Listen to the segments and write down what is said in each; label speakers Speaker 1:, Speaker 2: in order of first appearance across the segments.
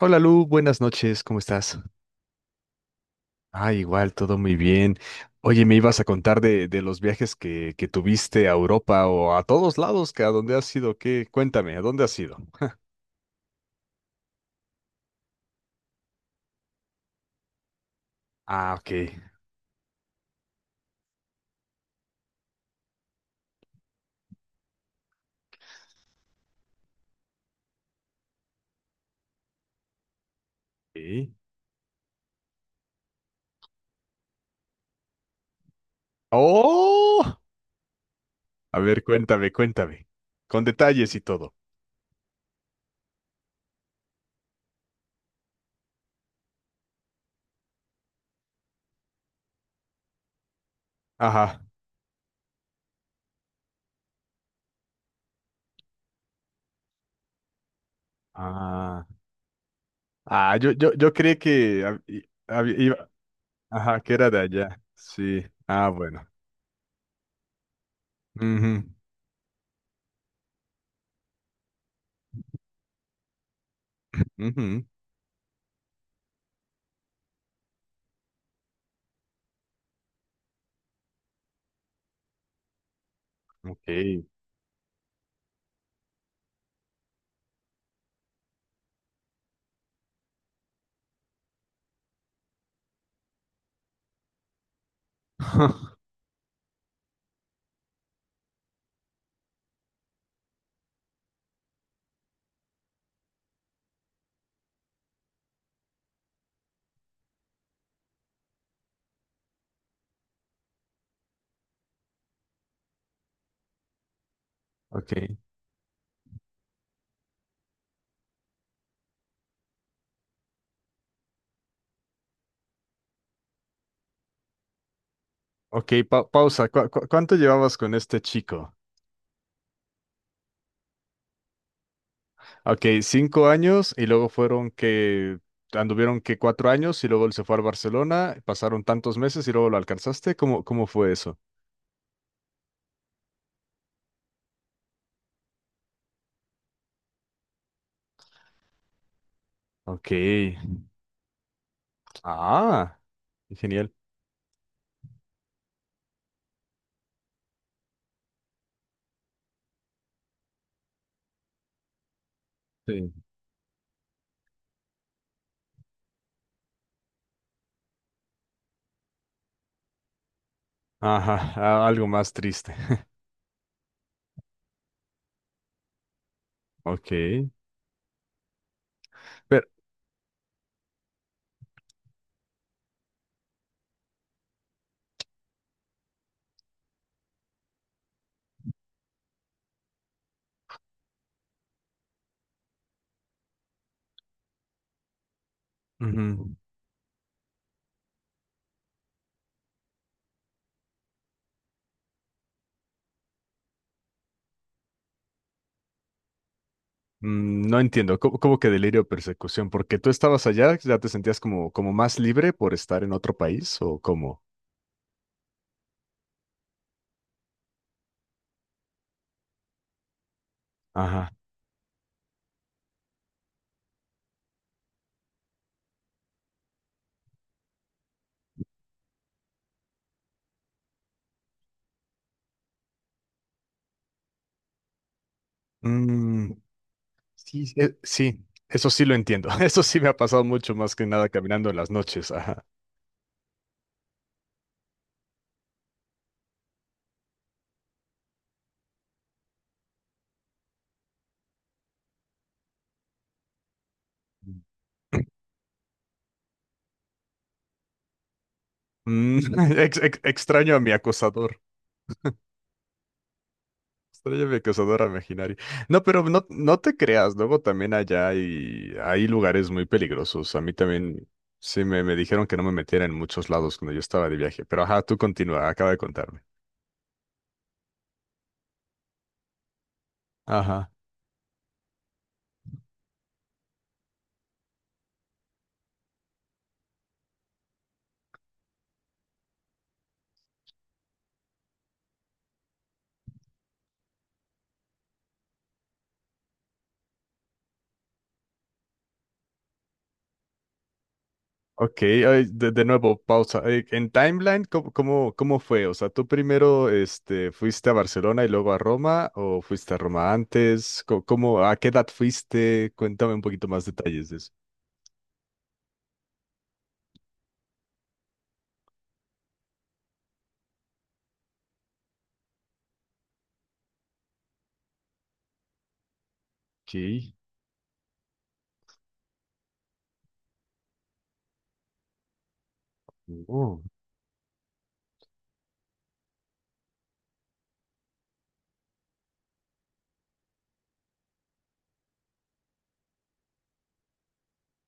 Speaker 1: Hola Lu, buenas noches, ¿cómo estás? Ah, igual, todo muy bien. Oye, me ibas a contar de los viajes que tuviste a Europa o a todos lados, que a dónde has ido, ¿qué? Cuéntame, ¿a dónde has ido? Ah, ok. ¿Sí? ¡Oh! A ver, cuéntame, cuéntame. Con detalles y todo. Ajá. Ah, ah, yo creí que iba, ajá, que era de allá. Sí. Ah, bueno. Ujú, ujú, ok. Ok. Ok, pausa. Cuánto llevabas con este chico? Ok, cinco años y luego fueron que anduvieron que cuatro años y luego él se fue al Barcelona, pasaron tantos meses y luego lo alcanzaste. ¿Cómo, cómo fue eso? Ok. Ah, genial. Sí. Ajá, algo más triste. Ok. Pero ujú, mm, no entiendo, ¿cómo, cómo que delirio o persecución? ¿Porque tú estabas allá, ya te sentías como, como más libre por estar en otro país o cómo? Ajá. Mm, sí, sí, sí, eso sí lo entiendo. Eso sí me ha pasado mucho más que nada caminando en las noches. Ajá. Mm, extraño a mi acosador. Extraño a mi acosador imaginario. No, pero no, no te creas, luego también allá hay, hay lugares muy peligrosos. A mí también sí me dijeron que no me metiera en muchos lados cuando yo estaba de viaje. Pero ajá, tú continúa, acaba de contarme. Ajá. Ok, ay, de nuevo, pausa. En timeline, ¿cómo, cómo, cómo fue? O sea, ¿tú primero este, fuiste a Barcelona y luego a Roma o fuiste a Roma antes? ¿Cómo, a qué edad fuiste? Cuéntame un poquito más detalles de eso. Ok. Oh.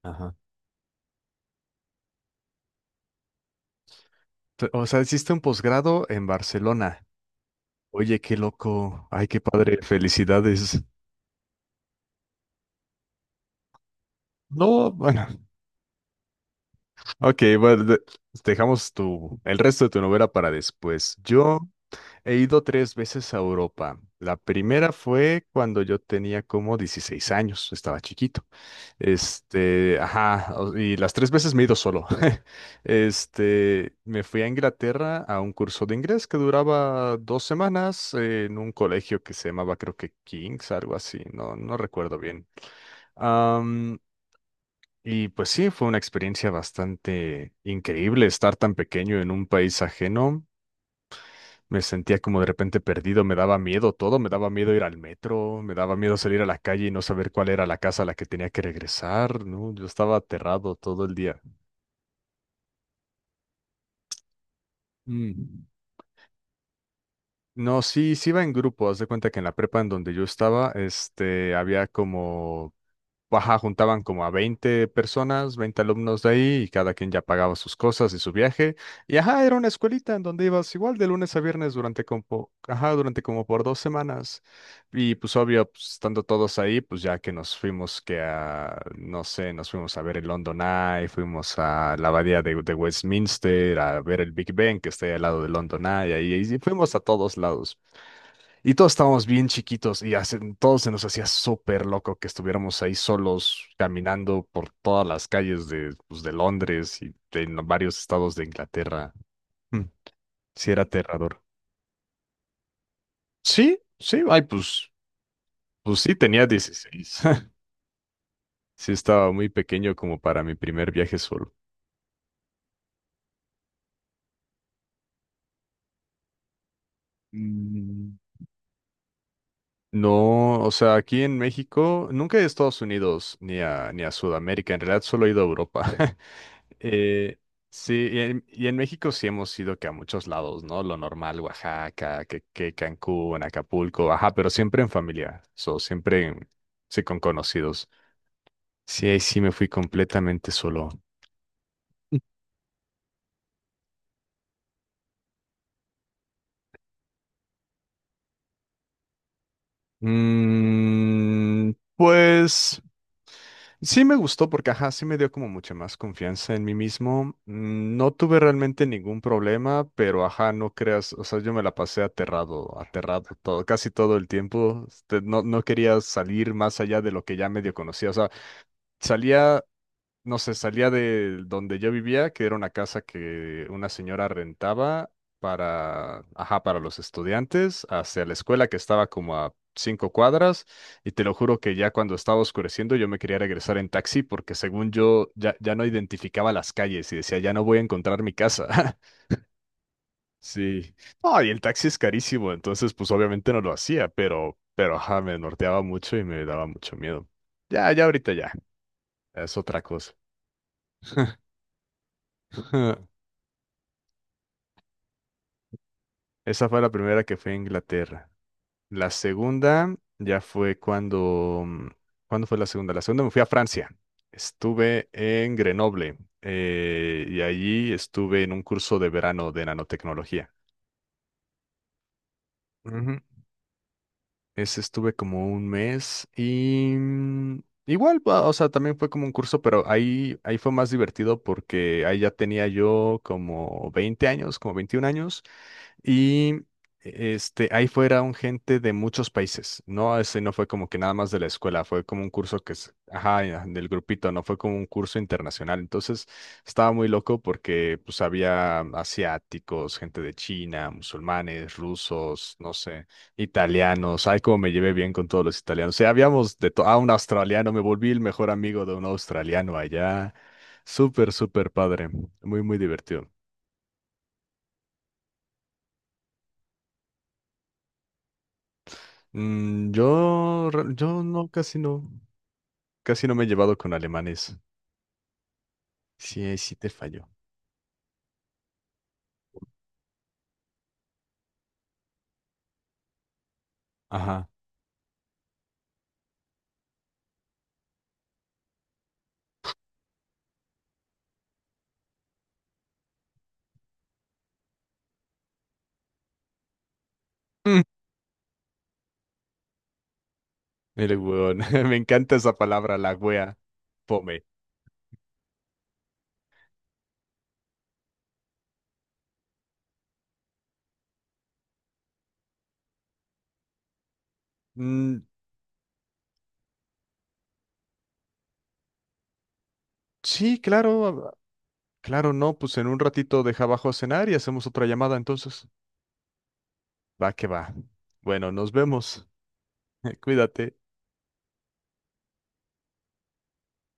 Speaker 1: Ajá. O sea, hiciste un posgrado en Barcelona. Oye, qué loco. Ay, qué padre. Felicidades. No, bueno. Ok, bueno, dejamos tu, el resto de tu novela para después. Yo he ido tres veces a Europa. La primera fue cuando yo tenía como 16 años, estaba chiquito. Este, ajá, y las tres veces me he ido solo. Este, me fui a Inglaterra a un curso de inglés que duraba dos semanas en un colegio que se llamaba, creo que King's, algo así, no, no recuerdo bien. Y pues sí, fue una experiencia bastante increíble estar tan pequeño en un país ajeno. Me sentía como de repente perdido, me daba miedo todo, me daba miedo ir al metro, me daba miedo salir a la calle y no saber cuál era la casa a la que tenía que regresar, ¿no? Yo estaba aterrado todo el día. Mm. No, sí, sí iba en grupo. Haz de cuenta que en la prepa en donde yo estaba, este, había como ajá, juntaban como a 20 personas, 20 alumnos de ahí, y cada quien ya pagaba sus cosas y su viaje. Y ajá, era una escuelita en donde ibas igual de lunes a viernes durante como, ajá, durante como por dos semanas. Y pues obvio, pues, estando todos ahí, pues ya que nos fuimos que a, no sé, nos fuimos a ver el London Eye, fuimos a la abadía de Westminster, a ver el Big Ben que está ahí al lado del London Eye, ahí, y fuimos a todos lados. Y todos estábamos bien chiquitos y todos se nos hacía súper loco que estuviéramos ahí solos caminando por todas las calles de, pues, de Londres y de en varios estados de Inglaterra. Mm, sí, era aterrador. Sí, sí, ay, pues, pues sí, tenía dieciséis. Sí, estaba muy pequeño como para mi primer viaje solo. Mm. No, o sea, aquí en México nunca he ido a Estados Unidos ni a Sudamérica, en realidad solo he ido a Europa. Eh, sí, y en México sí hemos ido que a muchos lados, ¿no? Lo normal, Oaxaca, que Cancún, Acapulco, ajá, pero siempre en familia, so, siempre sí, con conocidos. Sí, ahí sí me fui completamente solo. Mm, pues. Sí me gustó porque, ajá, sí me dio como mucha más confianza en mí mismo. Mm, no tuve realmente ningún problema, pero, ajá, no creas, o sea, yo me la pasé aterrado, aterrado todo, casi todo el tiempo. Este, no, no quería salir más allá de lo que ya medio conocía. O sea, salía no sé, salía de donde yo vivía, que era una casa que una señora rentaba para, ajá, para los estudiantes, hacia la escuela que estaba como a cinco cuadras, y te lo juro que ya cuando estaba oscureciendo yo me quería regresar en taxi porque según yo ya, ya no identificaba las calles y decía, ya no voy a encontrar mi casa. Sí. No, y el taxi es carísimo, entonces pues obviamente no lo hacía, pero ajá, me norteaba mucho y me daba mucho miedo. Ya, ya ahorita ya, es otra cosa. Esa fue la primera que fue a Inglaterra. La segunda ya fue cuando... mm, ¿cuándo fue la segunda? La segunda me fui a Francia. Estuve en Grenoble y allí estuve en un curso de verano de nanotecnología. Ujú. Ese estuve como un mes y mm, igual, o sea, también fue como un curso, pero ahí, ahí fue más divertido porque ahí ya tenía yo como 20 años, como 21 años. Y este, ahí fueron gente de muchos países. No, ese no fue como que nada más de la escuela, fue como un curso que es, ajá, ya, del grupito, no fue como un curso internacional. Entonces estaba muy loco porque pues había asiáticos, gente de China, musulmanes, rusos, no sé, italianos. Ay, cómo me llevé bien con todos los italianos. O sea, habíamos de todo. Ah, un australiano, me volví el mejor amigo de un australiano allá. Súper, súper padre. Muy, muy divertido. Mm, yo, yo no, casi no, casi no me he llevado con alemanes. Sí, ahí sí te falló. Ajá. Mm, mire, weón, me encanta esa palabra, la wea. Fome. Mm, sí, claro, ah, claro, no, pues en un ratito deja abajo a cenar y hacemos otra llamada entonces. Va que va. Bueno, nos vemos. Cuídate.